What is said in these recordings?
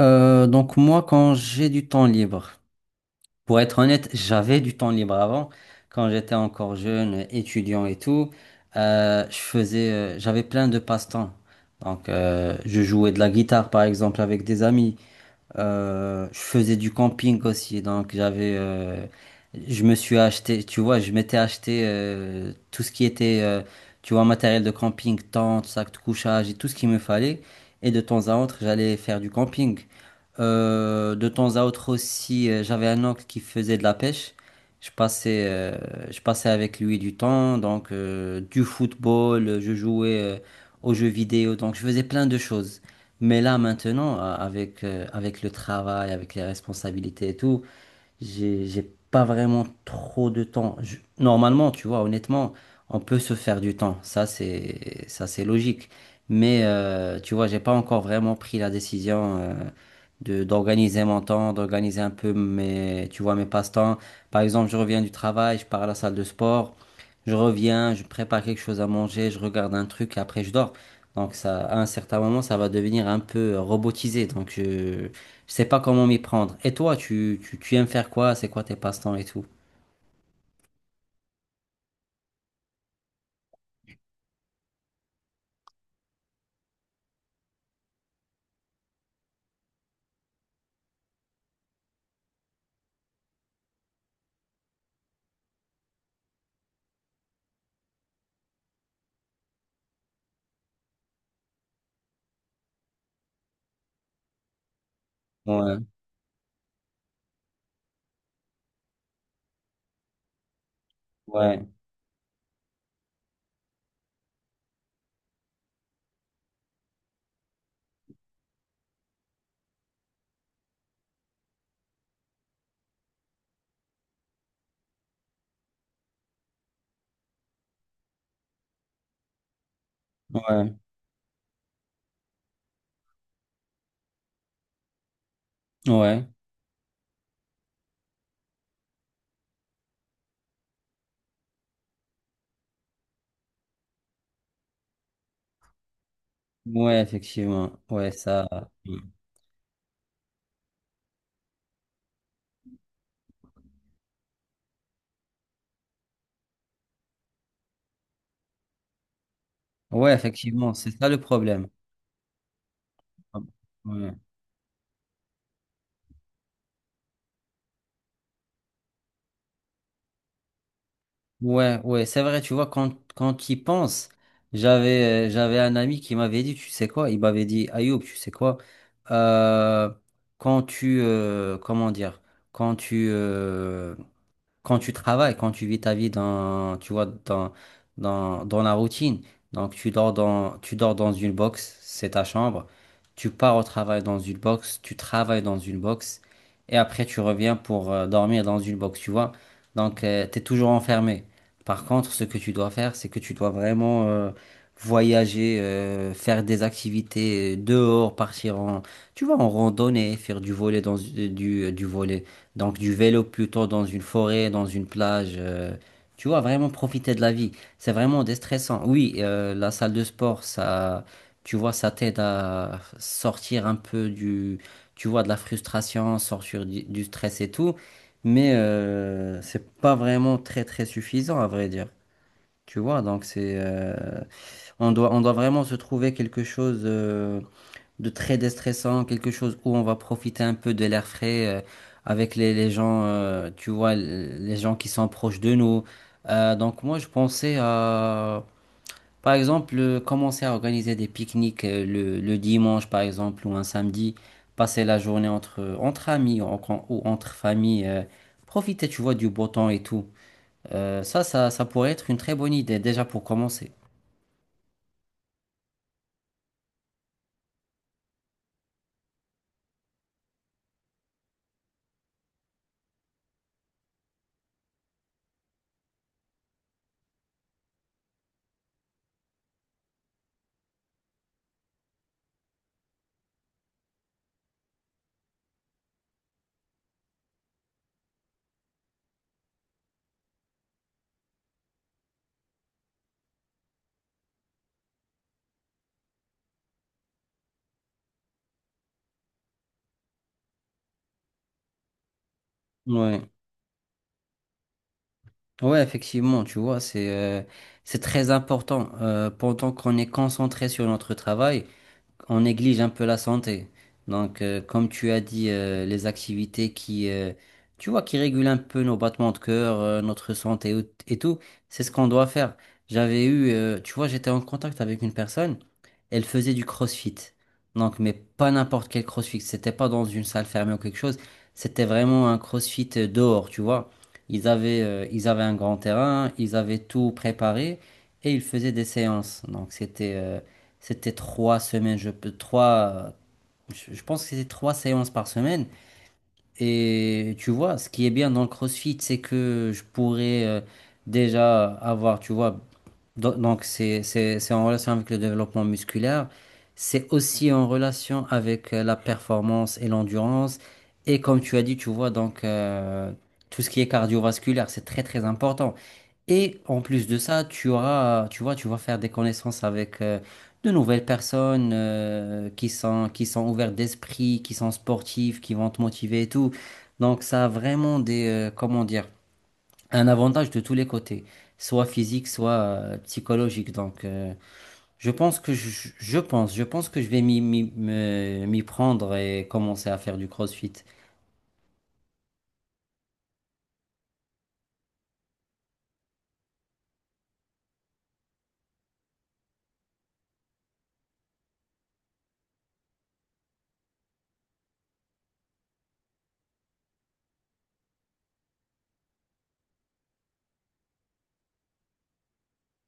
Donc moi, quand j'ai du temps libre, pour être honnête, j'avais du temps libre avant, quand j'étais encore jeune, étudiant et tout, j'avais plein de passe-temps. Donc je jouais de la guitare par exemple avec des amis, je faisais du camping aussi, donc j'avais, je m'étais acheté, tout ce qui était, tu vois, matériel de camping, tente, sac de couchage et tout ce qu'il me fallait. Et de temps à autre, j'allais faire du camping. De temps à autre aussi, j'avais un oncle qui faisait de la pêche. Je passais, euh, je passais avec lui du temps, donc du football, je jouais aux jeux vidéo, donc je faisais plein de choses. Mais là, maintenant, avec le travail, avec les responsabilités et tout, j'ai pas vraiment trop de temps. Normalement, tu vois, honnêtement, on peut se faire du temps. Ça, c'est logique. Mais, tu vois, j'ai pas encore vraiment pris la décision, de d'organiser mon temps, d'organiser un peu mes passe-temps. Par exemple, je reviens du travail, je pars à la salle de sport, je reviens, je prépare quelque chose à manger, je regarde un truc et après je dors. Donc ça, à un certain moment, ça va devenir un peu robotisé. Donc je sais pas comment m'y prendre. Et toi, tu aimes faire quoi? C'est quoi tes passe-temps et tout? Ouais, ouais, ouais, ouais, ouais, effectivement. Ouais, ça. Ouais, effectivement, c'est ça le problème. Ouais. Ouais, ouais, c'est vrai, tu vois, quand tu y penses, j'avais un ami qui m'avait dit, tu sais quoi, il m'avait dit, Ayoub, tu sais quoi, euh, quand tu, euh, comment dire, quand tu, euh, quand tu travailles, quand tu vis ta vie dans, tu vois, dans, la routine. Donc tu dors dans une box, c'est ta chambre. Tu pars au travail dans une box, tu travailles dans une box, et après tu reviens pour dormir dans une box, tu vois. Donc tu es toujours enfermé. Par contre, ce que tu dois faire, c'est que tu dois vraiment voyager, faire des activités dehors, partir en, tu vois, en randonnée, faire du volet dans du volley, donc du vélo plutôt, dans une forêt, dans une plage. Tu vois, vraiment profiter de la vie. C'est vraiment déstressant. Oui, la salle de sport, ça, tu vois, ça t'aide à sortir un peu du, tu vois, de la frustration, sortir du stress et tout. Mais c'est pas vraiment très très suffisant à vrai dire. Tu vois, donc on doit vraiment se trouver quelque chose, de très déstressant, quelque chose où on va profiter un peu de l'air frais, avec les gens, tu vois, les gens qui sont proches de nous. Donc moi, je pensais à, par exemple, commencer à organiser des pique-niques, le dimanche, par exemple, ou un samedi, passer la journée entre amis, ou entre familles, profiter, tu vois, du beau temps et tout. Ça pourrait être une très bonne idée, déjà pour commencer. Ouais. Ouais, effectivement, tu vois, c'est très important. Pendant qu'on est concentré sur notre travail, on néglige un peu la santé. Donc, comme tu as dit, les activités tu vois, qui régulent un peu nos battements de cœur, notre santé et tout, c'est ce qu'on doit faire. Tu vois, j'étais en contact avec une personne, elle faisait du CrossFit. Donc, mais pas n'importe quel CrossFit. C'était pas dans une salle fermée ou quelque chose. C'était vraiment un CrossFit, dehors, tu vois. Ils avaient un grand terrain, ils avaient tout préparé et ils faisaient des séances. Donc, c'était 3 semaines, je pense que c'était 3 séances par semaine. Et tu vois, ce qui est bien dans le CrossFit, c'est que je pourrais déjà avoir, tu vois. Donc, c'est en relation avec le développement musculaire, c'est aussi en relation avec la performance et l'endurance. Et comme tu as dit, tu vois, donc, tout ce qui est cardiovasculaire, c'est très, très important. Et en plus de ça, tu auras, tu vois, tu vas faire des connaissances avec de nouvelles personnes, qui sont ouvertes d'esprit, qui sont sportives, qui vont te motiver et tout. Donc, ça a vraiment un avantage de tous les côtés, soit physique, soit psychologique. Donc, je pense que je vais m'y prendre et commencer à faire du CrossFit.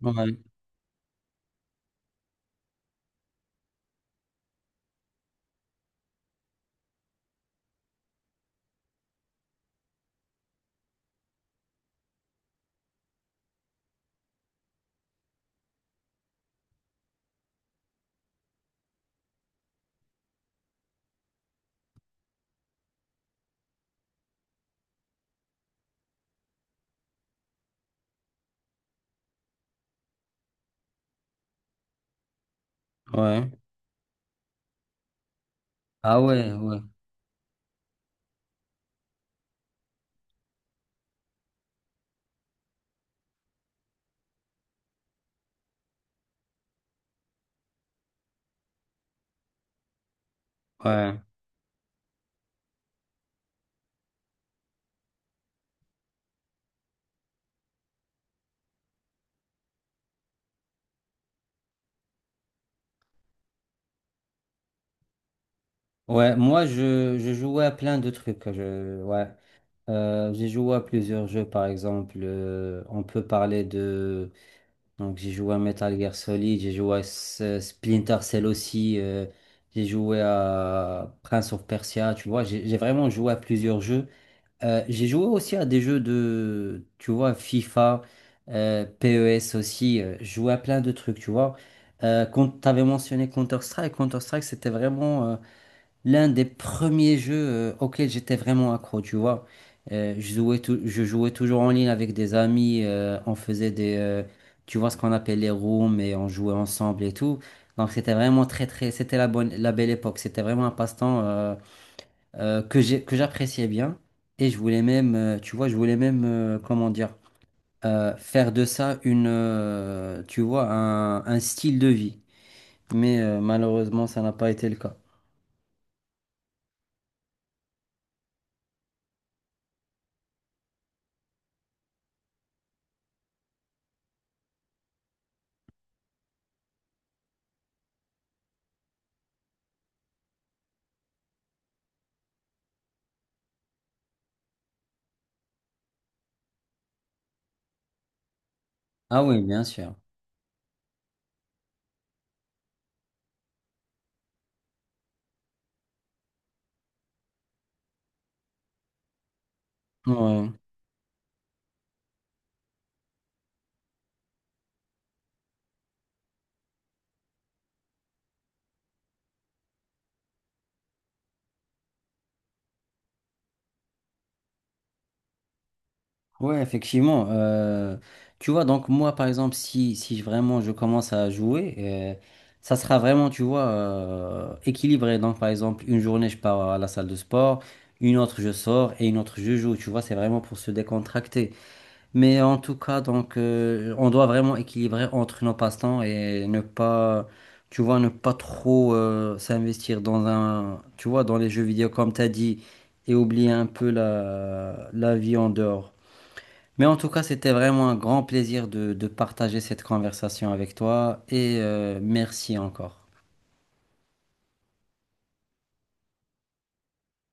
Ouais, ouais. Ah ouais, ouais, ouais. Ouais, moi je jouais à plein de trucs. Ouais. J'ai joué à plusieurs jeux, par exemple. On peut parler de Donc j'ai joué à Metal Gear Solid, j'ai joué à Splinter Cell aussi, j'ai joué à Prince of Persia, tu vois, j'ai vraiment joué à plusieurs jeux. J'ai joué aussi à des jeux de, tu vois, FIFA, PES aussi, j'ai joué à plein de trucs, tu vois. Quand tu avais mentionné Counter-Strike, Counter-Strike c'était vraiment l'un des premiers jeux auxquels j'étais vraiment accro, tu vois. Je jouais toujours en ligne avec des amis, on faisait tu vois, ce qu'on appelle les rooms et on jouait ensemble et tout. Donc c'était vraiment très très, c'était la belle époque. C'était vraiment un passe-temps, que j'appréciais bien, et je voulais même, faire de ça une, tu vois, un style de vie. Mais malheureusement, ça n'a pas été le cas. Ah oui, bien sûr. Ouais. Ouais, effectivement. Tu vois, donc moi, par exemple, si, si je- vraiment je commence à jouer, ça sera vraiment, tu vois, équilibré. Donc, par exemple, une journée, je pars à la salle de sport, une autre, je sors et une autre, je joue. Tu vois, c'est vraiment pour se décontracter. Mais en tout cas, donc, on doit vraiment équilibrer entre nos passe-temps et ne pas, tu vois, ne pas trop s'investir dans un, tu vois, dans les jeux vidéo, comme tu as dit, et oublier un peu la vie en dehors. Mais en tout cas, c'était vraiment un grand plaisir de partager cette conversation avec toi et merci encore.